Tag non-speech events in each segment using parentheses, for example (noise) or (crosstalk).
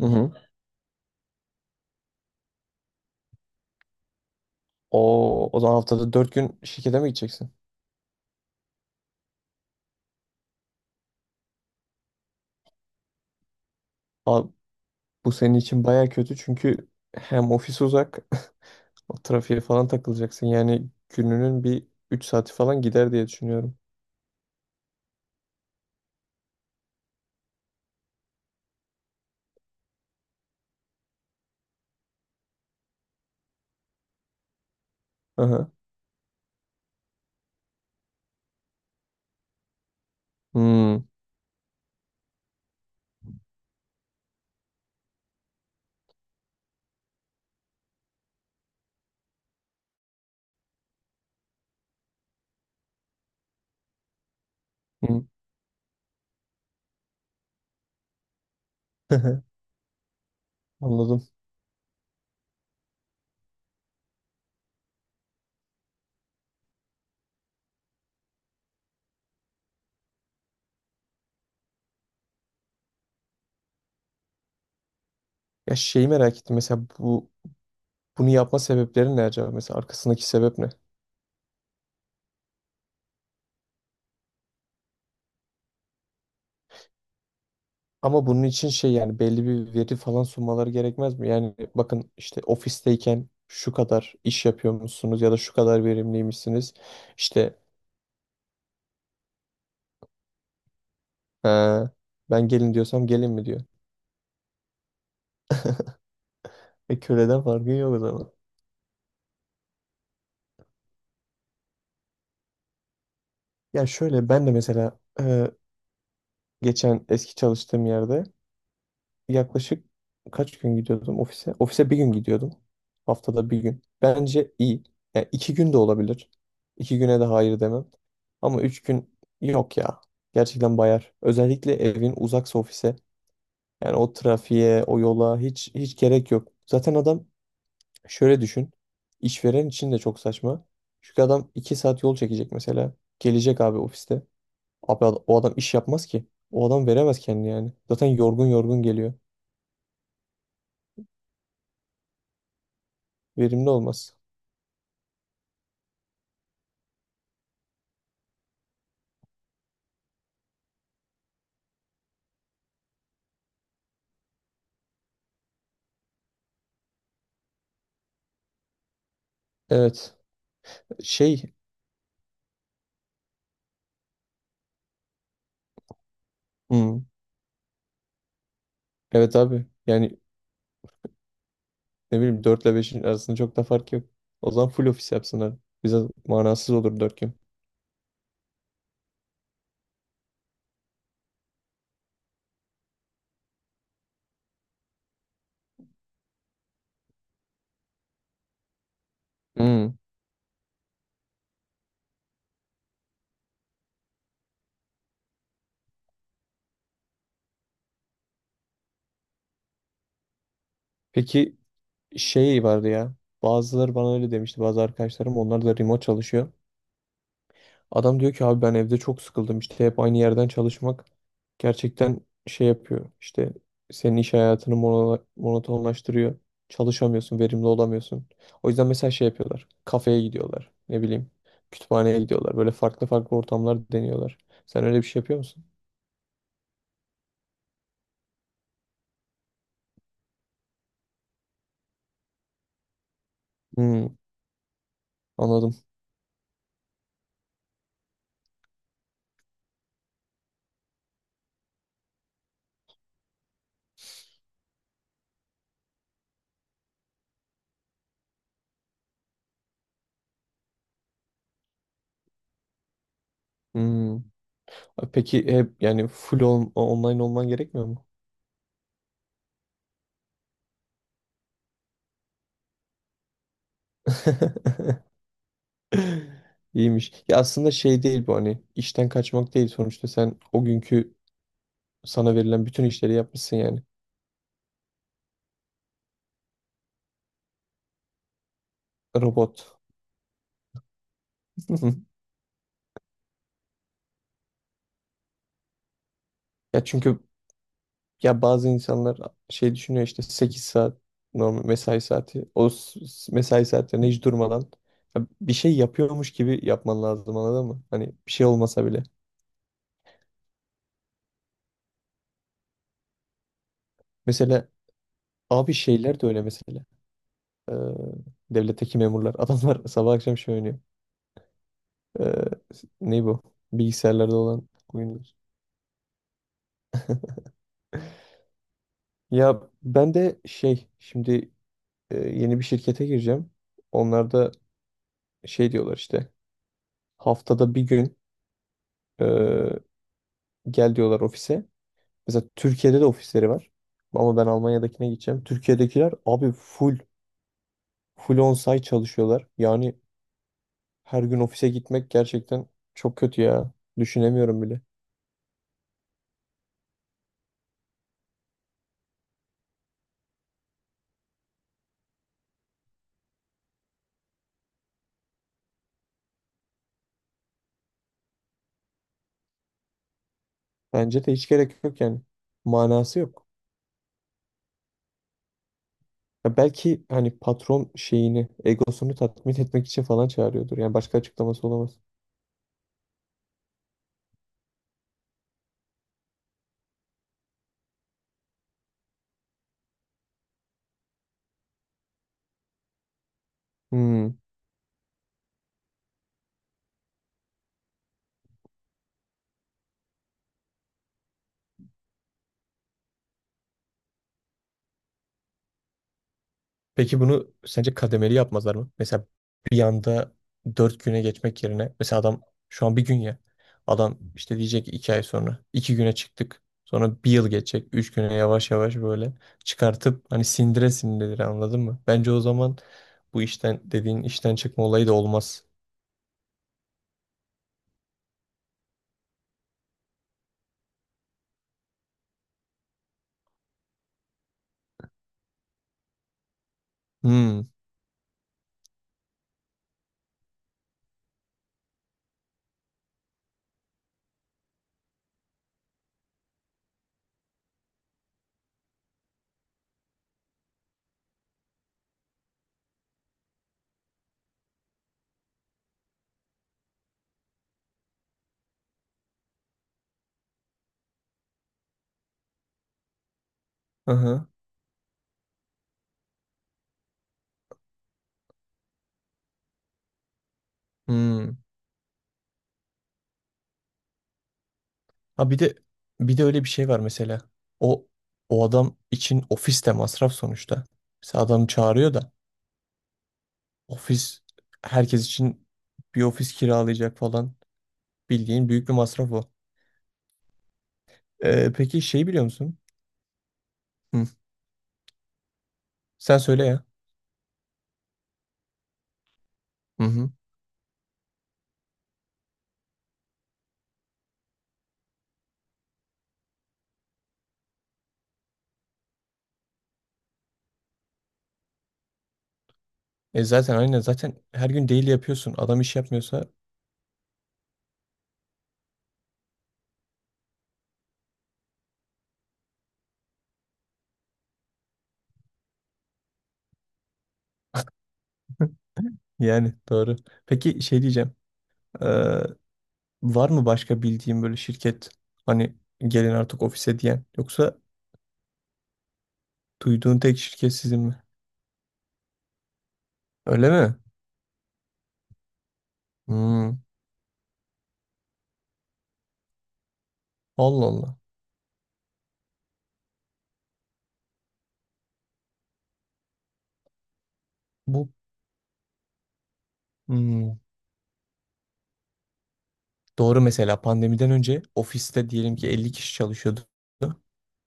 Hı hı. O zaman haftada 4 gün şirkete mi gideceksin? Abi, bu senin için baya kötü çünkü hem ofis uzak, (laughs) o trafiğe falan takılacaksın. Yani gününün bir 3 saati falan gider diye düşünüyorum. Aha. Hmm. Hmm. (laughs) Anladım. Ya şeyi merak ettim. Mesela bunu yapma sebepleri ne acaba? Mesela arkasındaki sebep ne? Ama bunun için şey yani belli bir veri falan sunmaları gerekmez mi? Yani bakın işte ofisteyken şu kadar iş yapıyormuşsunuz ya da şu kadar verimliymişsiniz. İşte. Ha, ben gelin diyorsam gelin mi diyor. E köleden farkı yok o zaman. Ya şöyle ben de mesela geçen eski çalıştığım yerde yaklaşık kaç gün gidiyordum ofise? Ofise bir gün gidiyordum. Haftada bir gün. Bence iyi. Yani iki gün de olabilir. İki güne de hayır demem. Ama üç gün yok ya. Gerçekten bayar. Özellikle evin uzaksa ofise. Yani o trafiğe, o yola hiç hiç gerek yok. Zaten adam. Şöyle düşün. İşveren için de çok saçma. Çünkü adam 2 saat yol çekecek mesela. Gelecek abi ofiste. O adam iş yapmaz ki. O adam veremez kendini yani. Zaten yorgun yorgun geliyor. Verimli olmaz. Evet. Şey. hmm, Evet abi. Yani ne bileyim 4 ile 5'in arasında çok da fark yok. O zaman full ofis yapsınlar. Bize manasız olur 4 gün. Hmm. Peki şey vardı ya. Bazıları bana öyle demişti. Bazı arkadaşlarım onlar da remote çalışıyor. Adam diyor ki abi ben evde çok sıkıldım işte hep aynı yerden çalışmak gerçekten şey yapıyor işte senin iş hayatını monotonlaştırıyor. Çalışamıyorsun, verimli olamıyorsun. O yüzden mesela şey yapıyorlar. Kafeye gidiyorlar. Ne bileyim kütüphaneye gidiyorlar. Böyle farklı farklı ortamlar deniyorlar. Sen öyle bir şey yapıyor musun? Hmm, anladım. Hmm. Peki hep yani online olman gerekmiyor mu? (laughs) İyiymiş. Ya aslında şey değil bu hani işten kaçmak değil sonuçta sen o günkü. Sana verilen bütün işleri yapmışsın yani. Robot. (laughs) Ya çünkü ya bazı insanlar şey düşünüyor işte 8 saat normal mesai saati. Mesai saatlerinde hiç durmadan ya bir şey yapıyormuş gibi yapman lazım anladın mı? Hani bir şey olmasa bile. Mesela abi şeyler de öyle mesela. Ee, devletteki memurlar. (laughs) Adamlar sabah akşam şey oynuyor. Ee, ne bu? Bilgisayarlarda olan oyunlar. Ya ben de şey şimdi yeni bir şirkete gireceğim. Onlarda şey diyorlar işte haftada bir gün, e, gel diyorlar ofise. Mesela Türkiye'de de ofisleri var. Ama ben Almanya'dakine gideceğim. Türkiye'dekiler abi full on-site çalışıyorlar. Yani her gün ofise gitmek gerçekten çok kötü ya. Düşünemiyorum bile. Bence de hiç gerek yok yani. Manası yok. Ya belki hani patron şeyini, egosunu tatmin etmek için falan çağırıyordur. Yani başka açıklaması olamaz. Hmm. Peki bunu sence kademeli yapmazlar mı? Mesela bir anda dört güne geçmek yerine mesela adam şu an bir gün ya adam işte diyecek ki iki ay sonra iki güne çıktık sonra bir yıl geçecek üç güne yavaş yavaş böyle çıkartıp hani sindire sindirir anladın mı? Bence o zaman bu işten dediğin işten çıkma olayı da olmaz. Hmm. Aha. Hmm. Ha bir de Bir de öyle bir şey var mesela. O o adam için ofis de masraf sonuçta. Mesela adam çağırıyor da. Ofis herkes için bir ofis kiralayacak falan. Bildiğin büyük bir masraf o. Peki şey biliyor musun? Hı. Sen söyle ya. Hı hı. E zaten aynen zaten her gün daily yapıyorsun. Adam iş yapmıyorsa. (laughs) Yani doğru. Peki şey diyeceğim. Ee, var mı başka bildiğin böyle şirket hani gelin artık ofise diyen yoksa duyduğun tek şirket sizin mi? Öyle mi? Hmm. Allah Allah. Bu hmm doğru. Mesela pandemiden önce ofiste diyelim ki 50 kişi çalışıyordu.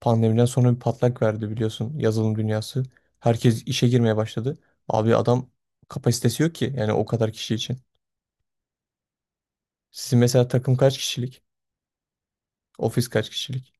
Pandemiden sonra bir patlak verdi biliyorsun yazılım dünyası. Herkes işe girmeye başladı. Abi adam kapasitesi yok ki yani o kadar kişi için. Sizin mesela takım kaç kişilik? Ofis kaç kişilik?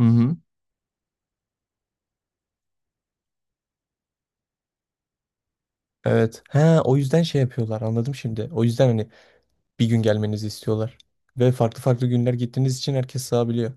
Hı hı. Evet. He, o yüzden şey yapıyorlar anladım şimdi. O yüzden hani bir gün gelmenizi istiyorlar. Ve farklı farklı günler gittiğiniz için herkes sığabiliyor.